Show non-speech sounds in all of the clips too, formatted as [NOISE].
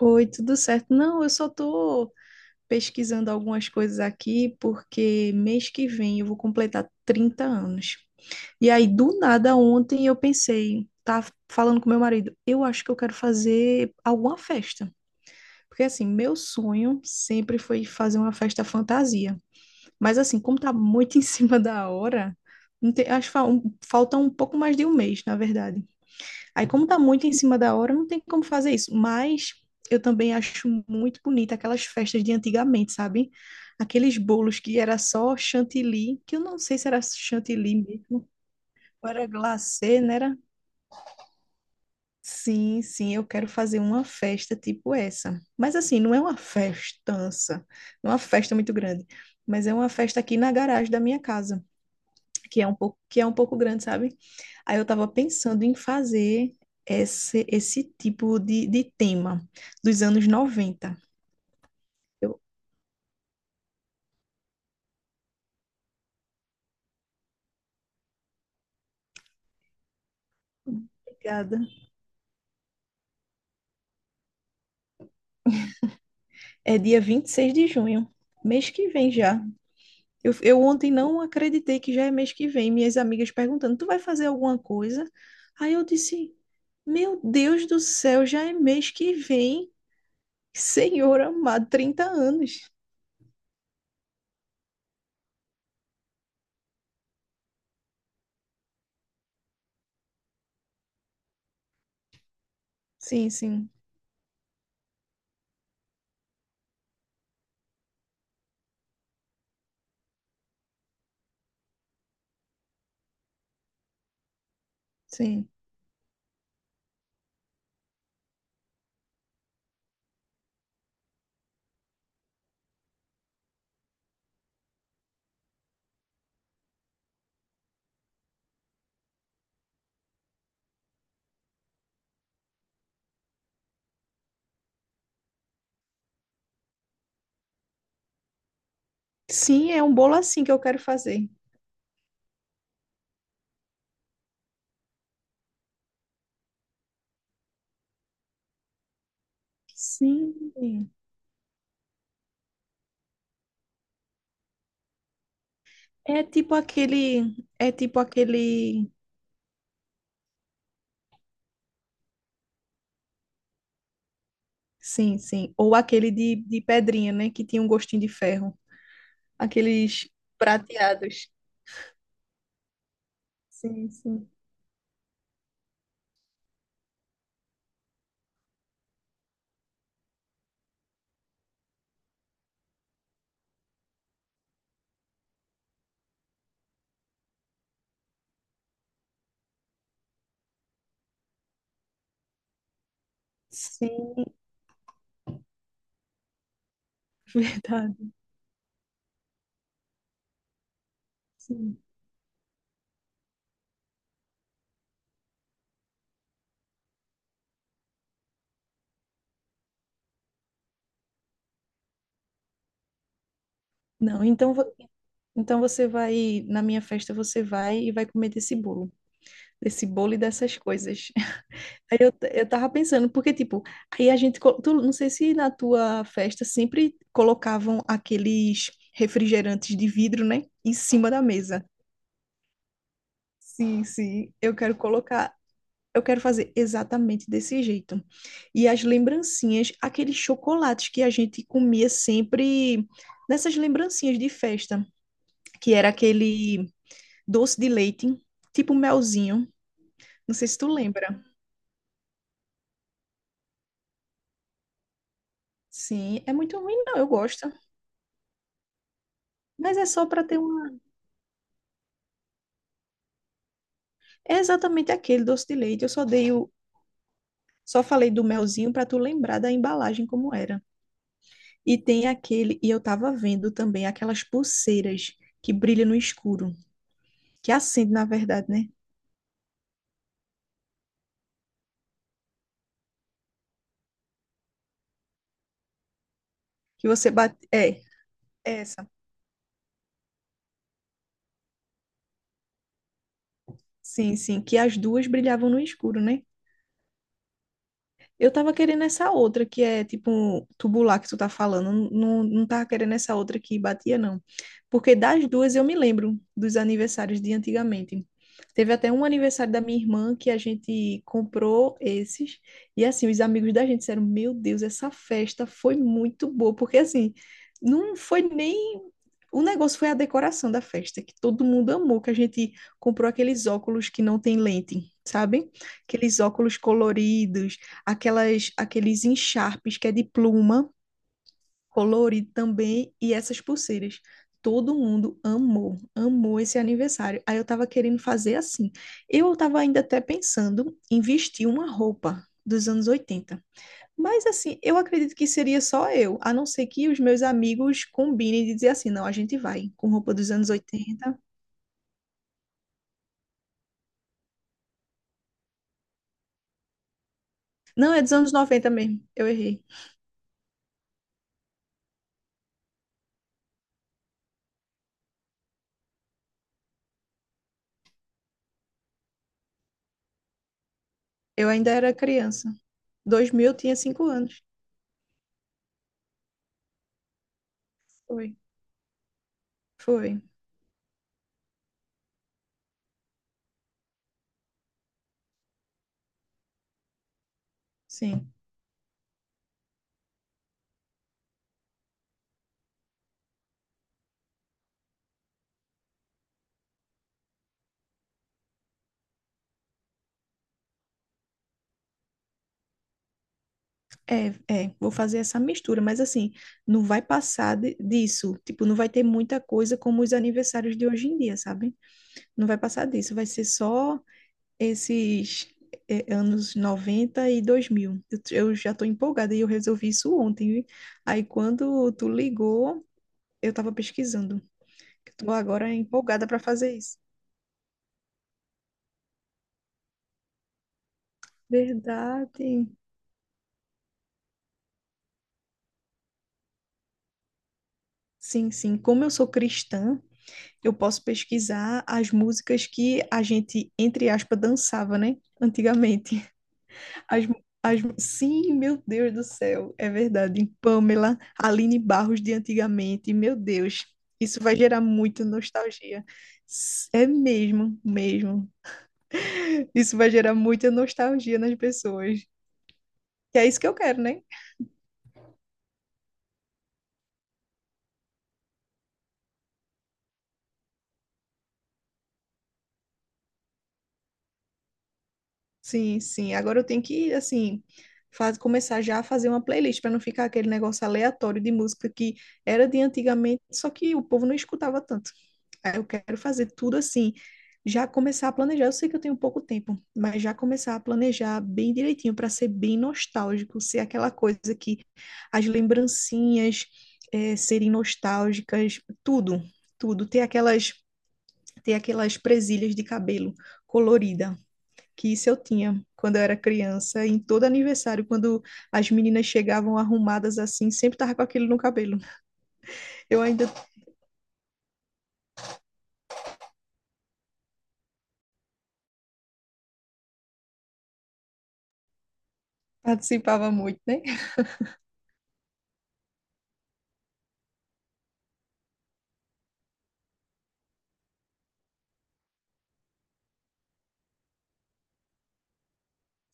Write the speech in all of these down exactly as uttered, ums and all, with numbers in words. Oi, tudo certo? Não, eu só estou pesquisando algumas coisas aqui porque mês que vem eu vou completar trinta anos. E aí, do nada, ontem eu pensei, tá falando com meu marido, eu acho que eu quero fazer alguma festa. Porque assim, meu sonho sempre foi fazer uma festa fantasia. Mas assim, como tá muito em [LAUGHS] cima da hora, não tem- acho que fa- um- falta um pouco mais de um mês, na verdade. Aí, como tá muito em cima da hora, não tem como fazer isso. Mas eu também acho muito bonita aquelas festas de antigamente, sabe? Aqueles bolos que era só chantilly, que eu não sei se era chantilly mesmo, ou era glacê, né? Era. Sim, sim, eu quero fazer uma festa tipo essa. Mas assim, não é uma festança, não é uma festa muito grande, mas é uma festa aqui na garagem da minha casa, que é um pouco, que é um pouco grande, sabe? Aí eu estava pensando em fazer esse, esse tipo de, de tema dos anos noventa. Eu, Obrigada. É dia vinte e seis de junho, mês que vem já. Eu, eu ontem não acreditei que já é mês que vem. Minhas amigas perguntando: tu vai fazer alguma coisa? Aí eu disse: meu Deus do céu, já é mês que vem. Senhor amado, trinta anos. Sim, sim, sim. Sim, é um bolo assim que eu quero fazer. Sim. É tipo aquele, é tipo aquele, sim, sim, ou aquele de, de pedrinha, né, que tinha um gostinho de ferro, aqueles prateados. Sim, sim. Sim, [LAUGHS] verdade. Sim. Não, então, vo- então você vai, na minha festa você vai e vai comer desse bolo, desse bolo e dessas coisas. [LAUGHS] Aí eu, t- eu tava pensando, porque tipo, aí a gente, co- tu, não sei se na tua festa sempre colocavam aqueles refrigerantes de vidro, né, em cima da mesa. Sim, sim, eu quero colocar, eu quero fazer exatamente desse jeito. E as lembrancinhas, aqueles chocolates que a gente comia sempre nessas lembrancinhas de festa, que era aquele doce de leite, tipo melzinho. Não sei se tu lembra. Sim, é muito ruim, não, eu gosto. Mas é só para ter uma. É exatamente aquele doce de leite. Eu só dei o... Só falei do melzinho para tu lembrar da embalagem como era. E tem aquele, e eu tava vendo também aquelas pulseiras que brilham no escuro, que acende, na verdade, né? Que você bate. É, essa. Sim, sim, que as duas brilhavam no escuro, né? Eu tava querendo essa outra, que é tipo um tubular que tu tá falando. Não, não tava querendo essa outra que batia, não. Porque das duas eu me lembro dos aniversários de antigamente. Teve até um aniversário da minha irmã que a gente comprou esses. E assim, os amigos da gente disseram: Meu Deus, essa festa foi muito boa. Porque assim, não foi nem. O negócio foi a decoração da festa, que todo mundo amou, que a gente comprou aqueles óculos que não tem lente, sabe? Aqueles óculos coloridos aquelas, aqueles encharpes que é de pluma, colorido também, e essas pulseiras. Todo mundo amou, amou esse aniversário. Aí eu tava querendo fazer assim. Eu tava ainda até pensando em vestir uma roupa dos anos oitenta. Mas assim, eu acredito que seria só eu, a não ser que os meus amigos combinem de dizer assim, não, a gente vai com roupa dos anos oitenta. Não, é dos anos noventa mesmo. Eu errei. Eu ainda era criança. dois mil eu tinha cinco anos. Foi. Foi. Sim. É, é, vou fazer essa mistura, mas assim, não vai passar de- disso. Tipo, não vai ter muita coisa como os aniversários de hoje em dia, sabe? Não vai passar disso, vai ser só esses é, anos noventa e dois mil. Eu, t- eu já tô empolgada e eu resolvi isso ontem. Viu? Aí quando tu ligou, eu tava pesquisando. Eu tô agora empolgada para fazer isso. Verdade. Sim, sim. Como eu sou cristã, eu posso pesquisar as músicas que a gente, entre aspas, dançava, né? Antigamente. As, as, sim, meu Deus do céu, é verdade. Pamela, Aline Barros de antigamente, meu Deus. Isso vai gerar muita nostalgia. S- É mesmo, mesmo. Isso vai gerar muita nostalgia nas pessoas. Que é isso que eu quero, né? Sim, sim. Agora eu tenho que, assim, faz, começar já a fazer uma playlist para não ficar aquele negócio aleatório de música que era de antigamente, só que o povo não escutava tanto. Aí eu quero fazer tudo assim, já começar a planejar. Eu sei que eu tenho pouco tempo, mas já começar a planejar bem direitinho para ser bem nostálgico, ser aquela coisa que as lembrancinhas eh, serem nostálgicas, tudo, tudo. Ter aquelas, ter aquelas presilhas de cabelo colorida que isso eu tinha quando eu era criança, em todo aniversário, quando as meninas chegavam arrumadas assim, sempre tava com aquilo no cabelo. Eu ainda participava muito, né?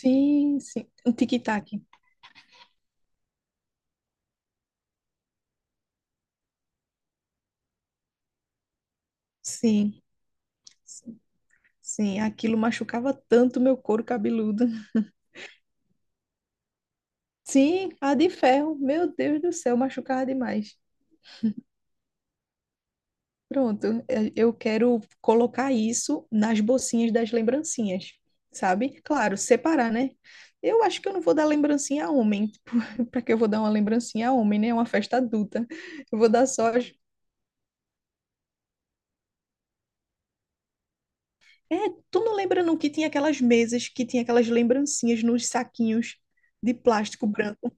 Sim, sim. Um tic-tac. Sim, sim, sim. Aquilo machucava tanto meu couro cabeludo. Sim, a de ferro. Meu Deus do céu, machucava demais. Pronto, eh, eu quero colocar isso nas bolsinhas das lembrancinhas, sabe? Claro, separar, né? Eu acho que eu não vou dar lembrancinha a homem, [LAUGHS] tipo para que eu vou dar uma lembrancinha a homem, né? É uma festa adulta. Eu vou dar só as. É, tu não lembra não que tinha aquelas mesas que tinha aquelas lembrancinhas nos saquinhos de plástico branco,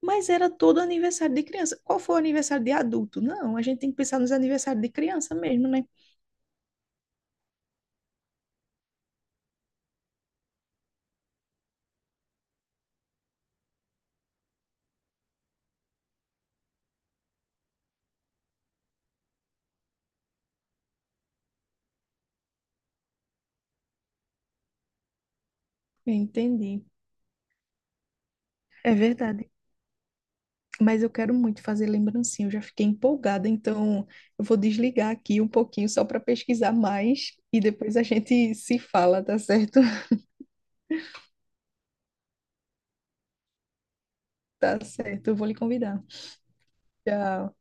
mas era todo aniversário de criança. Qual foi o aniversário de adulto? Não, a gente tem que pensar nos aniversários de criança mesmo, né? Entendi. É verdade. Mas eu quero muito fazer lembrancinha, eu já fiquei empolgada, então eu vou desligar aqui um pouquinho só para pesquisar mais e depois a gente se fala, tá certo? [LAUGHS] Tá certo, eu vou lhe convidar. Tchau.